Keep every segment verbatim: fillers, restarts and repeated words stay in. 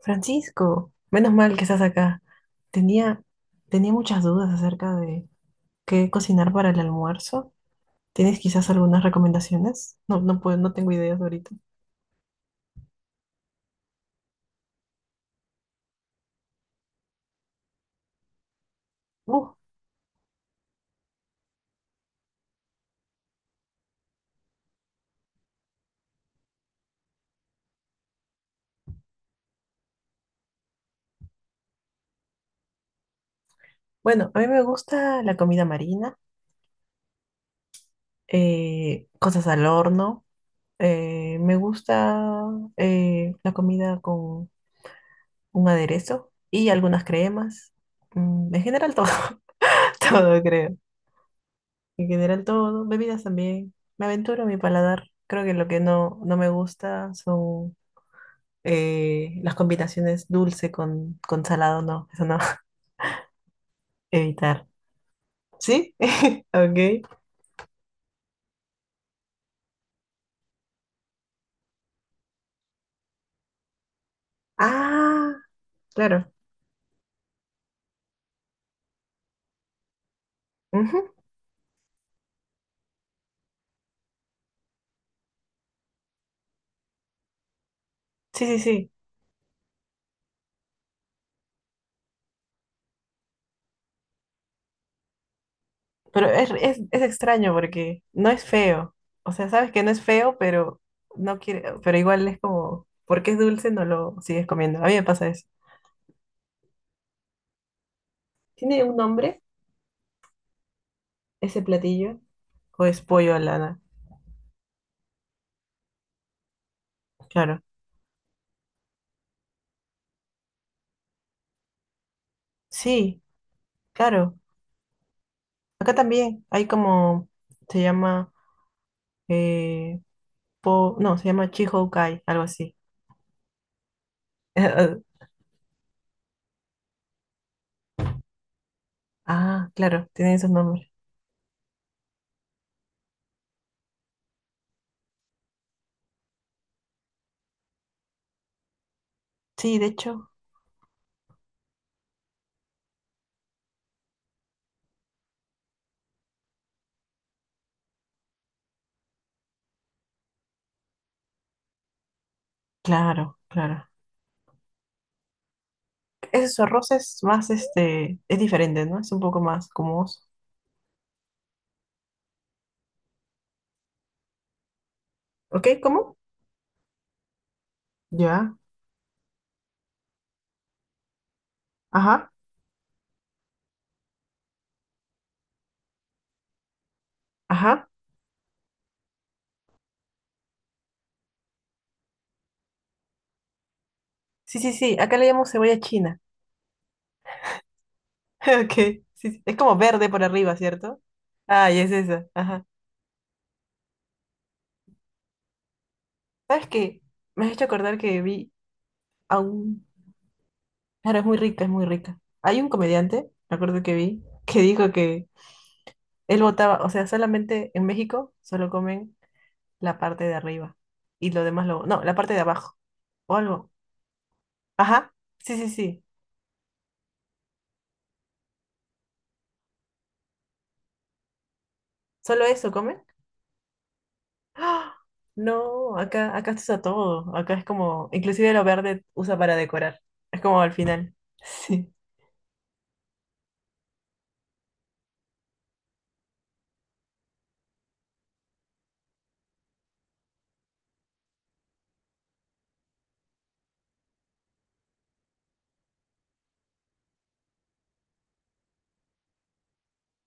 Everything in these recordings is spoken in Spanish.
Francisco, menos mal que estás acá. Tenía, tenía muchas dudas acerca de qué cocinar para el almuerzo. ¿Tienes quizás algunas recomendaciones? No, no puedo, no tengo ideas ahorita. Uh, bueno, a mí me gusta la comida marina, eh, cosas al horno. Eh, me gusta eh, la comida con un aderezo y algunas cremas. Mm, en general todo, todo creo. En general todo, bebidas también. Me aventuro a mi paladar. Creo que lo que no, no me gusta son eh, las combinaciones dulce con, con salado, no, eso no, evitar. ¿Sí? Ok. Ah, claro. Ujú. Sí, sí, sí. Pero es, es, es extraño porque no es feo. O sea, sabes que no es feo, pero no quiere, pero igual es como, porque es dulce, no lo sigues comiendo. A mí me pasa eso. ¿Tiene un nombre ese platillo? ¿O es pollo a lana? Claro. Sí, claro. Acá también hay como, se llama, eh, po- no, se llama Chihoukai, algo así. Ah, claro, tiene esos nombres. Sí, de hecho, claro, claro. Ese arroz es más, este, es diferente, ¿no? Es un poco más gomoso. ¿Ok? ¿Cómo? Ya. Ajá, ajá. Sí, sí, sí, acá le llamamos cebolla china. Ok, sí, sí. Es como verde por arriba, ¿cierto? Ah, y es esa, ajá. ¿Sabes qué? Me has hecho acordar que vi a un... Claro, es muy rica, es muy rica. Hay un comediante, me acuerdo que vi, que dijo que él votaba, o sea, solamente en México solo comen la parte de arriba y lo demás lo... No, la parte de abajo o algo. Ajá, sí, sí, sí. ¿Solo eso comen? ¡Ah! No, acá, acá se usa todo. Acá es como, inclusive lo verde usa para decorar. Es como al final. Sí,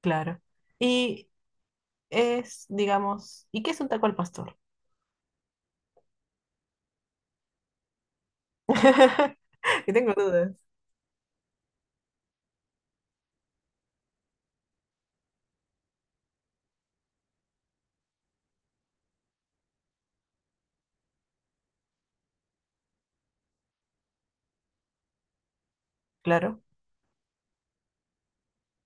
claro. Y es, digamos, ¿y qué es un taco al pastor? Que tengo dudas. Claro.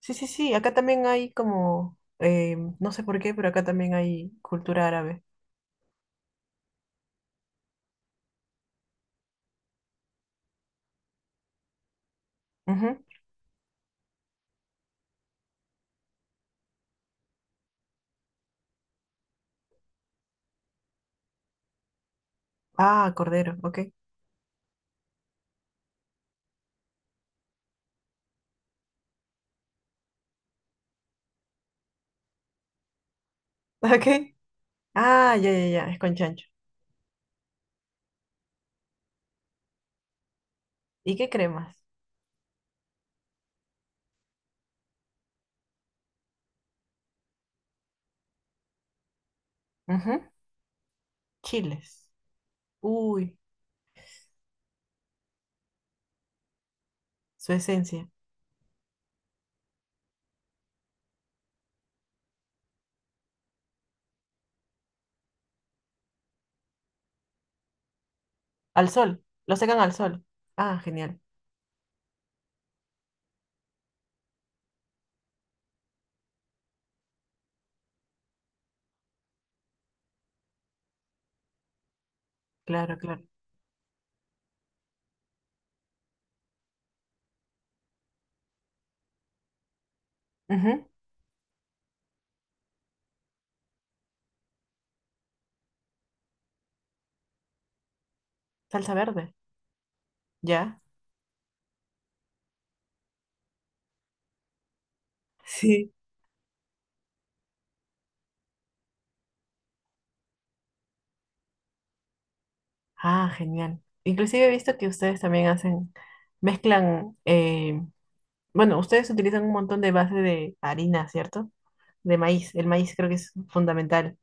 Sí, sí, sí, acá también hay como, eh, no sé por qué, pero acá también hay cultura árabe. Ujú. Ah, cordero, ok. Ok. Ah, ya, ya, ya, es con chancho. ¿Y qué cremas? Ujú. Chiles. Uy, su esencia. Al sol, lo secan al sol. Ah, genial. Claro, claro. Ujú. Salsa verde. Ya. Sí. Ah, genial. Inclusive he visto que ustedes también hacen, mezclan eh, bueno, ustedes utilizan un montón de base de harina, ¿cierto? De maíz. El maíz creo que es fundamental.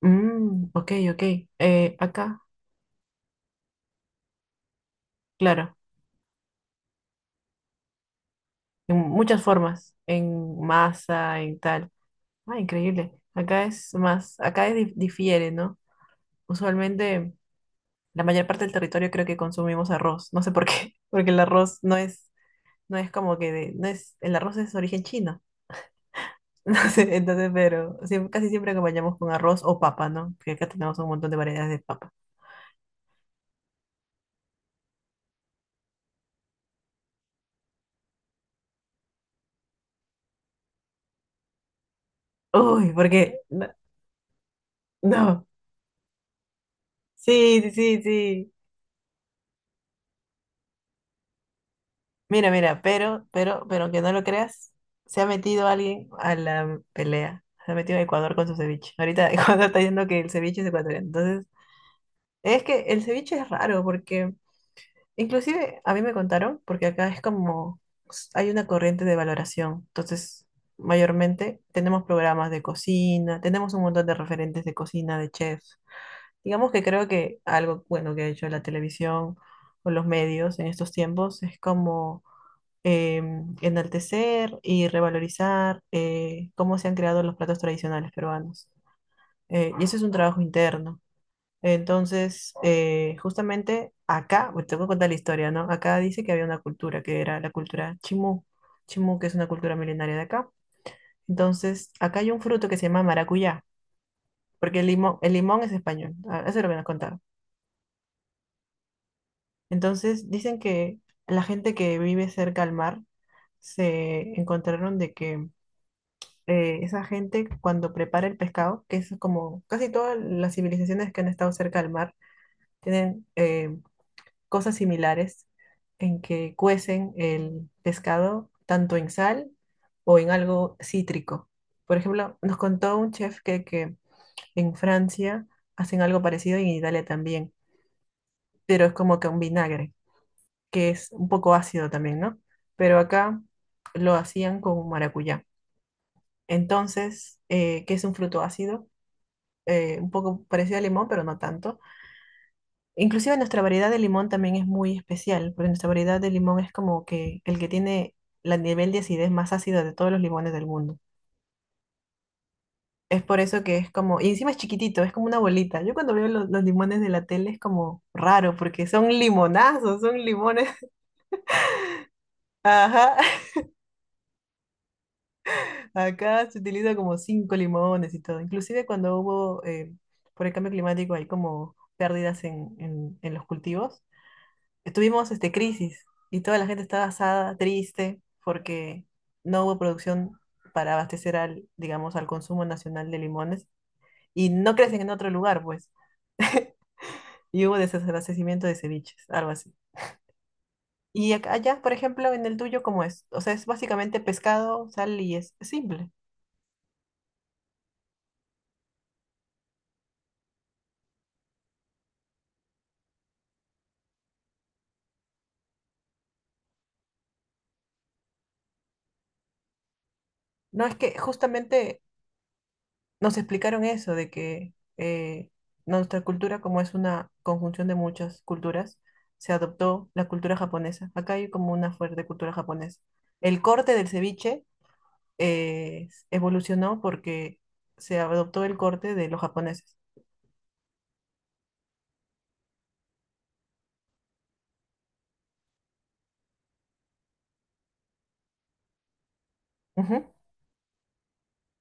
Mm, ok, ok. Eh, acá, claro, en muchas formas, en masa, en tal. Ah, increíble. Acá es más, acá es dif- difiere, ¿no? Usualmente la mayor parte del territorio creo que consumimos arroz. No sé por qué, porque el arroz no es, no es como que de, no es, el arroz es origen chino. No sé, entonces, pero siem- casi siempre acompañamos con arroz o papa, ¿no? Porque acá tenemos un montón de variedades de papa. Uy, porque no, no. Sí, sí, sí, sí. Mira, mira, pero, pero, pero aunque no lo creas, se ha metido alguien a la pelea. Se ha metido a Ecuador con su ceviche. Ahorita Ecuador está diciendo que el ceviche es ecuatoriano. Entonces, es que el ceviche es raro porque, inclusive a mí me contaron, porque acá es como, s- hay una corriente de valoración. Entonces, mayormente tenemos programas de cocina, tenemos un montón de referentes de cocina, de chefs. Digamos que creo que algo bueno que ha hecho la televisión o los medios en estos tiempos es como em, enaltecer y revalorizar eh, cómo se han creado los platos tradicionales peruanos. Eh, y eso es un trabajo interno. Entonces, eh, justamente acá, pues, te voy a contar la historia, ¿no? Acá dice que había una cultura, que era la cultura chimú. Chimú, que es una cultura milenaria de acá. Entonces, acá hay un fruto que se llama maracuyá, porque el limón, el limón es español. Ah, eso es lo que nos contaba. Entonces dicen que la gente que vive cerca al mar se encontraron de que eh, esa gente cuando prepara el pescado, que es como casi todas las civilizaciones que han estado cerca del mar, tienen eh, cosas similares en que cuecen el pescado tanto en sal o en algo cítrico. Por ejemplo, nos contó un chef que, que en Francia hacen algo parecido y en Italia también, pero es como que un vinagre. Que es un poco ácido también, ¿no? Pero acá lo hacían con maracuyá. Entonces, eh, que es un fruto ácido, eh, un poco parecido al limón, pero no tanto. Inclusive nuestra variedad de limón también es muy especial, porque nuestra variedad de limón es como que el que tiene el nivel de acidez más ácido de todos los limones del mundo. Es por eso que es como, y encima es chiquitito, es como una bolita. Yo cuando veo lo- los limones de la tele es como raro, porque son limonazos, son limones. Ajá. Acá se utiliza como cinco limones y todo. Inclusive cuando hubo, eh, por el cambio climático, hay como pérdidas en, en- en los cultivos. Tuvimos este, crisis y toda la gente estaba asada, triste, porque no hubo producción para abastecer al, digamos, al consumo nacional de limones y no crecen en otro lugar, pues. Y hubo desabastecimiento de ceviches, algo así. Y acá, allá, por ejemplo, en el tuyo, ¿cómo es? O sea, es básicamente pescado, sal y es simple. No, es que justamente nos explicaron eso, de que eh, nuestra cultura, como es una conjunción de muchas culturas, se adoptó la cultura japonesa. Acá hay como una fuerte cultura japonesa. El corte del ceviche eh, evolucionó porque se adoptó el corte de los japoneses. Ujú,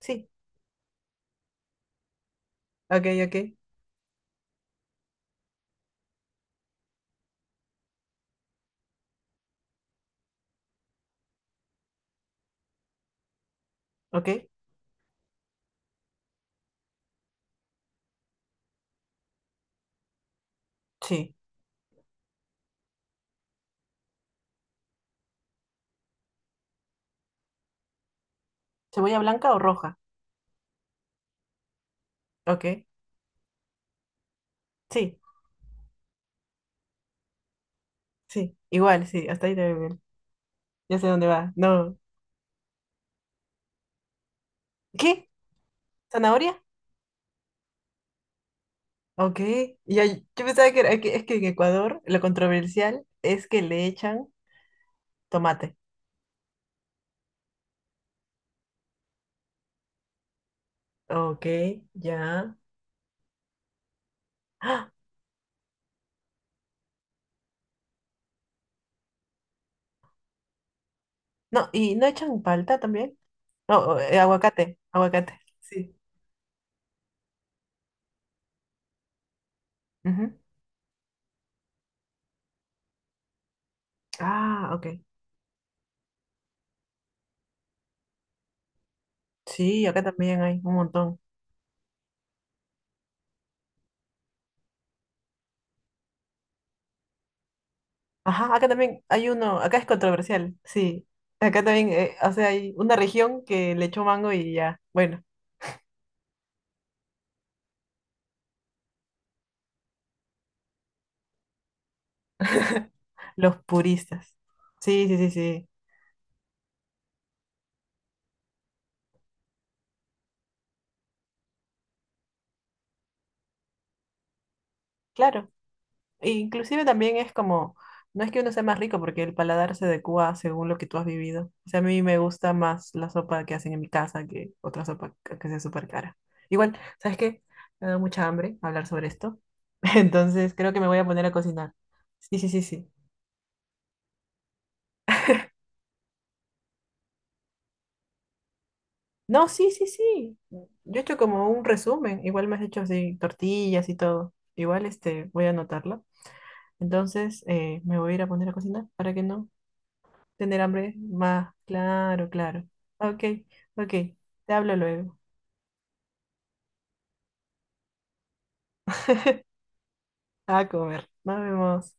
sí, ok, ok, ok, sí. ¿Cebolla blanca o roja? Ok, sí, sí, igual, sí, hasta ahí te veo bien. Ya sé dónde va. No. ¿Qué? ¿Zanahoria? Ok, y ahí- yo pensaba que, era, que es que en Ecuador lo controversial es que le echan tomate. Ok, ya. ¡Ah! No, y no echan palta también. No, o, eh, aguacate, aguacate. Sí. Ujú. Ah, ok. Sí, acá también hay un montón. Ajá, acá también hay uno, acá es controversial, sí. Acá también, eh, o sea, hay una región que le echó mango y ya, bueno, los puristas. Sí, sí, sí, sí, claro. E inclusive también es como, no es que uno sea más rico porque el paladar se adecua según lo que tú has vivido. O sea, a mí me gusta más la sopa que hacen en mi casa que otra sopa que que sea súper cara. Igual, ¿sabes qué? Me da mucha hambre hablar sobre esto. Entonces creo que me voy a poner a cocinar. Sí, sí, sí, sí. No, sí, sí, sí. Yo he hecho como un resumen. Igual me has hecho así tortillas y todo. Igual este, voy a anotarlo. Entonces eh, me voy a ir a poner a cocinar para que no tener hambre más. Claro, claro. Ok, ok. Te hablo luego. A comer. Nos vemos.